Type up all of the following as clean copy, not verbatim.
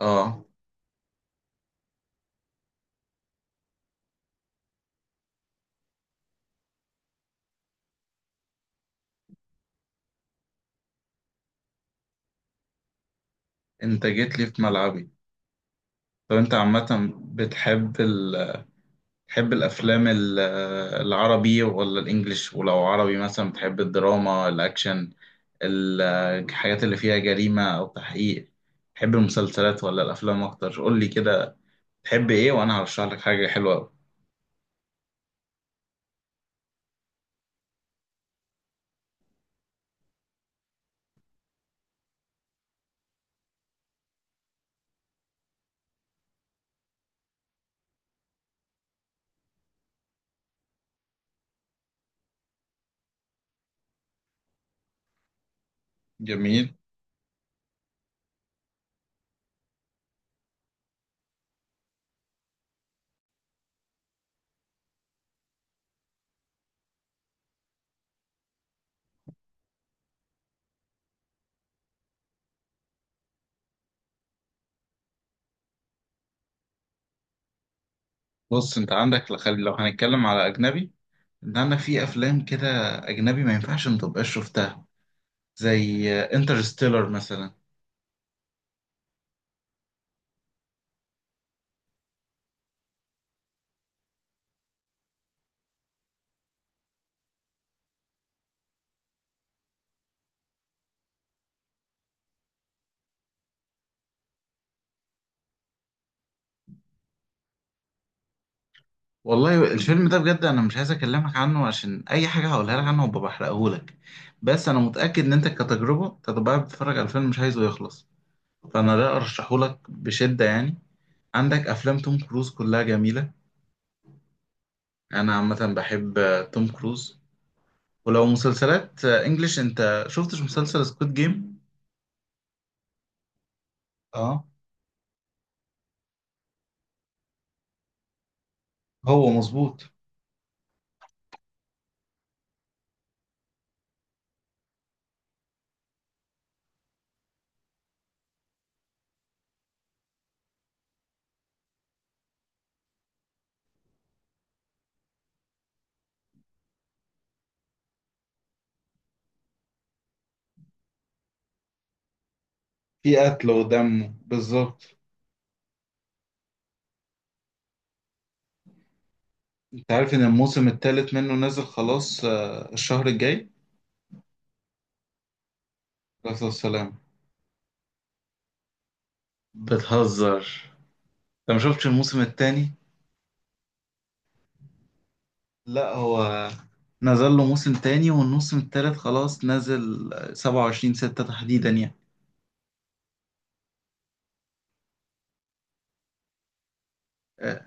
اه، انت جيت لي في ملعبي. طب انت عامة بتحب ال... بتحب الافلام العربي ولا الانجليش؟ ولو عربي مثلا بتحب الدراما، الاكشن، ال- الحاجات اللي فيها جريمة او تحقيق؟ بتحب المسلسلات ولا الافلام اكتر؟ قول لي كده تحب ايه وانا هرشح لك حاجة حلوة أوي. جميل. بص، انت عندك لو هنتكلم على اجنبي، انا في افلام كده اجنبي ما ينفعش ما تبقاش شفتها، زي انترستيلر مثلا. والله الفيلم ده بجد انا مش عايز اكلمك عنه، عشان اي حاجه هقولها لك عنه هبقى بحرقهولك، بس انا متاكد ان انت كتجربه أنت هتبقى قاعد بتتفرج على الفيلم مش عايزه يخلص، فانا لا ارشحهولك بشده يعني. عندك افلام توم كروز كلها جميله، انا عامه بحب توم كروز. ولو مسلسلات انجليش، انت شفتش مسلسل سكوت جيم؟ اه، هو مظبوط. في قتل ودم بالظبط. انت عارف ان الموسم الثالث منه نازل خلاص الشهر الجاي؟ بس السلام، بتهزر؟ انت ما شفتش الموسم التاني؟ لا هو نزل له موسم تاني، والموسم التالت خلاص نزل 27 6 تحديدا يعني. آه،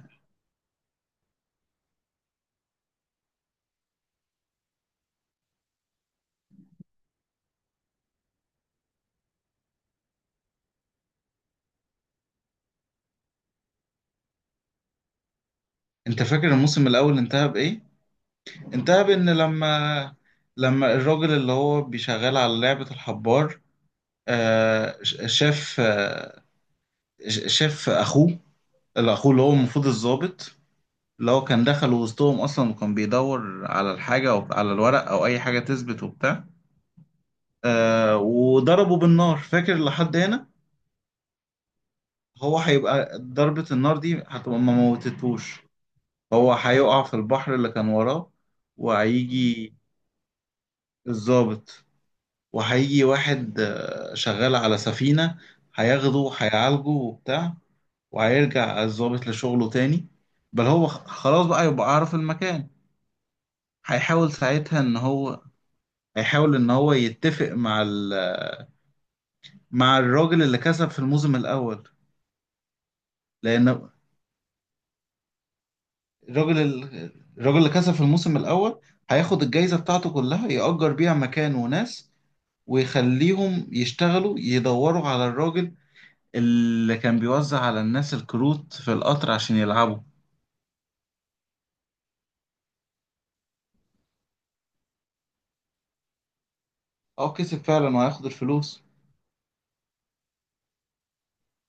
انت فاكر الموسم الاول انتهى بايه؟ انتهى بان لما الراجل اللي هو بيشغل على لعبة الحبار شاف شاف اخوه، اللي اخوه اللي هو المفروض الضابط، اللي هو كان دخل وسطهم اصلا وكان بيدور على الحاجة او على الورق او اي حاجة تثبت وبتاع. وضربه بالنار، فاكر لحد هنا؟ هو هيبقى ضربة النار دي هتبقى ما موتتهوش، هو هيقع في البحر اللي كان وراه. وهيجي الضابط، وهيجي واحد شغال على سفينة، هياخده هيعالجه وبتاع، وهيرجع الضابط لشغله تاني. بل هو خلاص بقى يبقى عارف المكان. هيحاول ساعتها ان هو هيحاول ان هو يتفق مع ال... مع الراجل اللي كسب في الموسم الاول. لان الراجل ال- الراجل اللي كسب في الموسم الأول هياخد الجايزة بتاعته كلها يأجر بيها مكان وناس، ويخليهم يشتغلوا يدوروا على الراجل اللي كان بيوزع على الناس الكروت في القطر عشان يلعبوا. اه كسب فعلا، وهياخد الفلوس،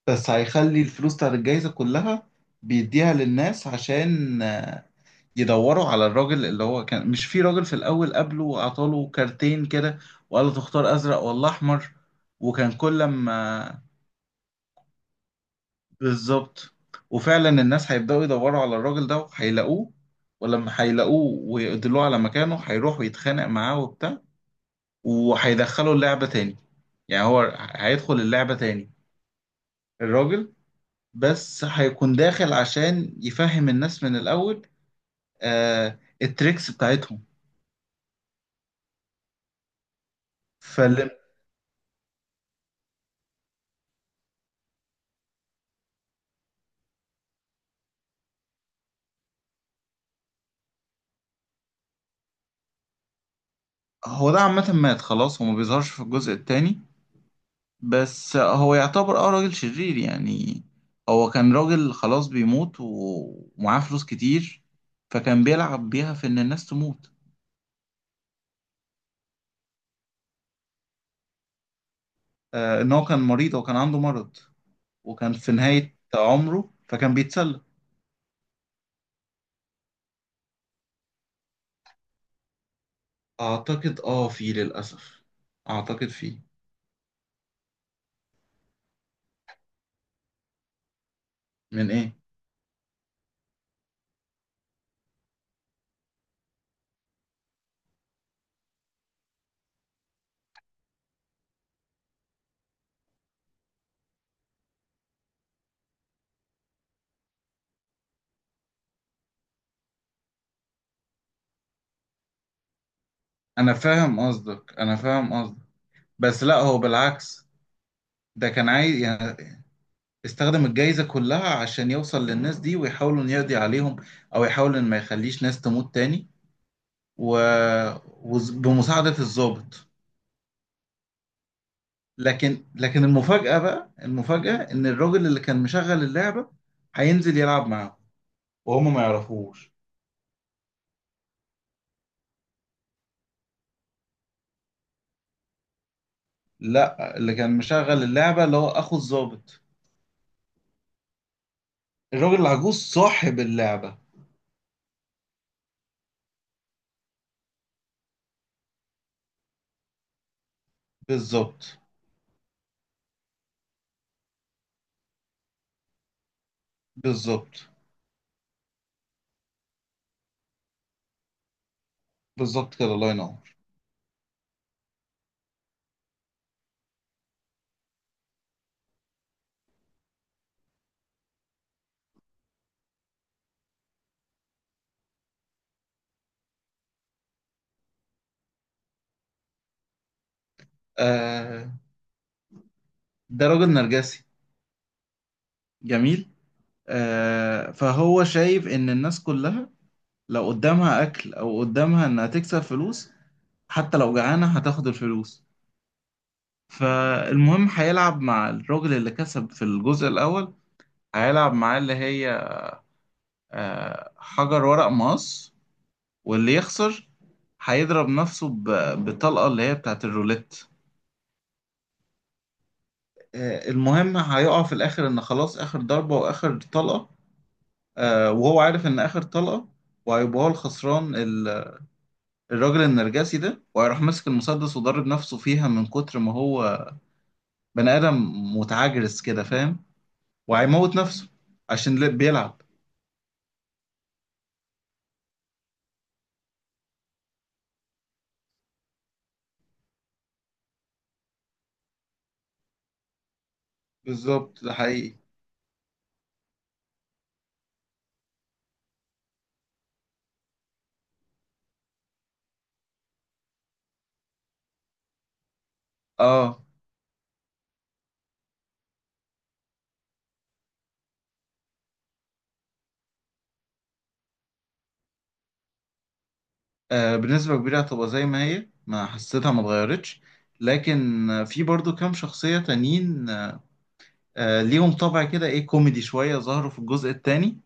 بس هيخلي الفلوس بتاعت الجايزة كلها بيديها للناس عشان يدوروا على الراجل اللي هو كان، مش في راجل في الأول قبله وأعطاله كارتين كده وقال له تختار أزرق ولا أحمر، وكان كل ما بالظبط. وفعلا الناس هيبدأوا يدوروا على الراجل ده وهيلاقوه، ولما هيلاقوه ويدلوه على مكانه هيروح ويتخانق معاه وبتاع، وهيدخله اللعبة تاني. يعني هو هيدخل اللعبة تاني الراجل، بس هيكون داخل عشان يفهم الناس من الأول آه التريكس بتاعتهم. فهو ده عامة مات خلاص، هو ما بيظهرش في الجزء التاني، بس هو يعتبر اه راجل شرير يعني. هو كان راجل خلاص بيموت ومعاه فلوس كتير، فكان بيلعب بيها في ان الناس تموت. آه ان هو كان مريض وكان عنده مرض، وكان في نهاية عمره فكان بيتسلى. اعتقد اه في للأسف، اعتقد في. من ايه؟ انا فاهم قصدك، انا فاهم قصدك، بس لا هو بالعكس. ده كان عايز يعني استخدم الجايزة كلها عشان يوصل للناس دي ويحاول انه يقضي عليهم، او يحاول ان ما يخليش ناس تموت تاني، و... وبمساعدة الضابط. لكن المفاجأة بقى، المفاجأة إن الراجل اللي كان مشغل اللعبة هينزل يلعب معاهم وهم ما يعرفوش. لا، اللي كان مشغل اللعبة اللي هو أخو الضابط، الراجل العجوز صاحب اللعبة. بالظبط. بالظبط. بالظبط كده، الله ينور. آه، ده راجل نرجسي. جميل. آه، فهو شايف إن الناس كلها لو قدامها أكل أو قدامها إنها تكسب فلوس، حتى لو جعانة هتاخد الفلوس. فالمهم هيلعب مع الراجل اللي كسب في الجزء الأول، هيلعب معاه اللي هي حجر ورق مقص، واللي يخسر هيضرب نفسه بالطلقة اللي هي بتاعت الروليت. المهم هيقع في الآخر إن خلاص آخر ضربة وآخر طلقة، وهو عارف إن آخر طلقة وهيبقى هو الخسران الراجل النرجسي ده، وهيروح ماسك المسدس وضارب نفسه فيها من كتر ما هو بني آدم متعجرس كده، فاهم؟ وهيموت نفسه عشان بيلعب. بالظبط، ده حقيقي. اه. بنسبة كبيرة هتبقى زي ما هي، ما حسيتها ما اتغيرتش. لكن في برضو كام شخصية تانيين ليهم طبع كده ايه كوميدي شوية، ظهروا في الجزء التاني.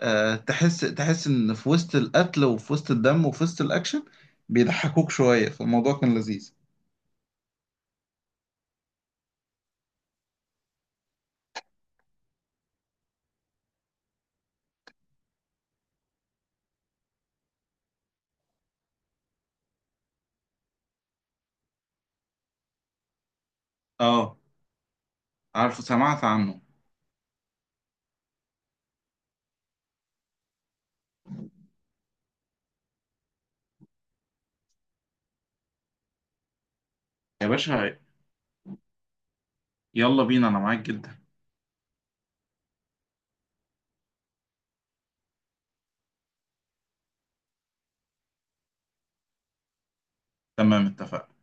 تحس، تحس ان في وسط القتل وفي وسط الدم وفي وسط الاكشن بيضحكوك شوية، فالموضوع كان لذيذ. اه، عارفه، سمعت عنه. يا باشا، يلا بينا انا معاك جدا. تمام، اتفقنا.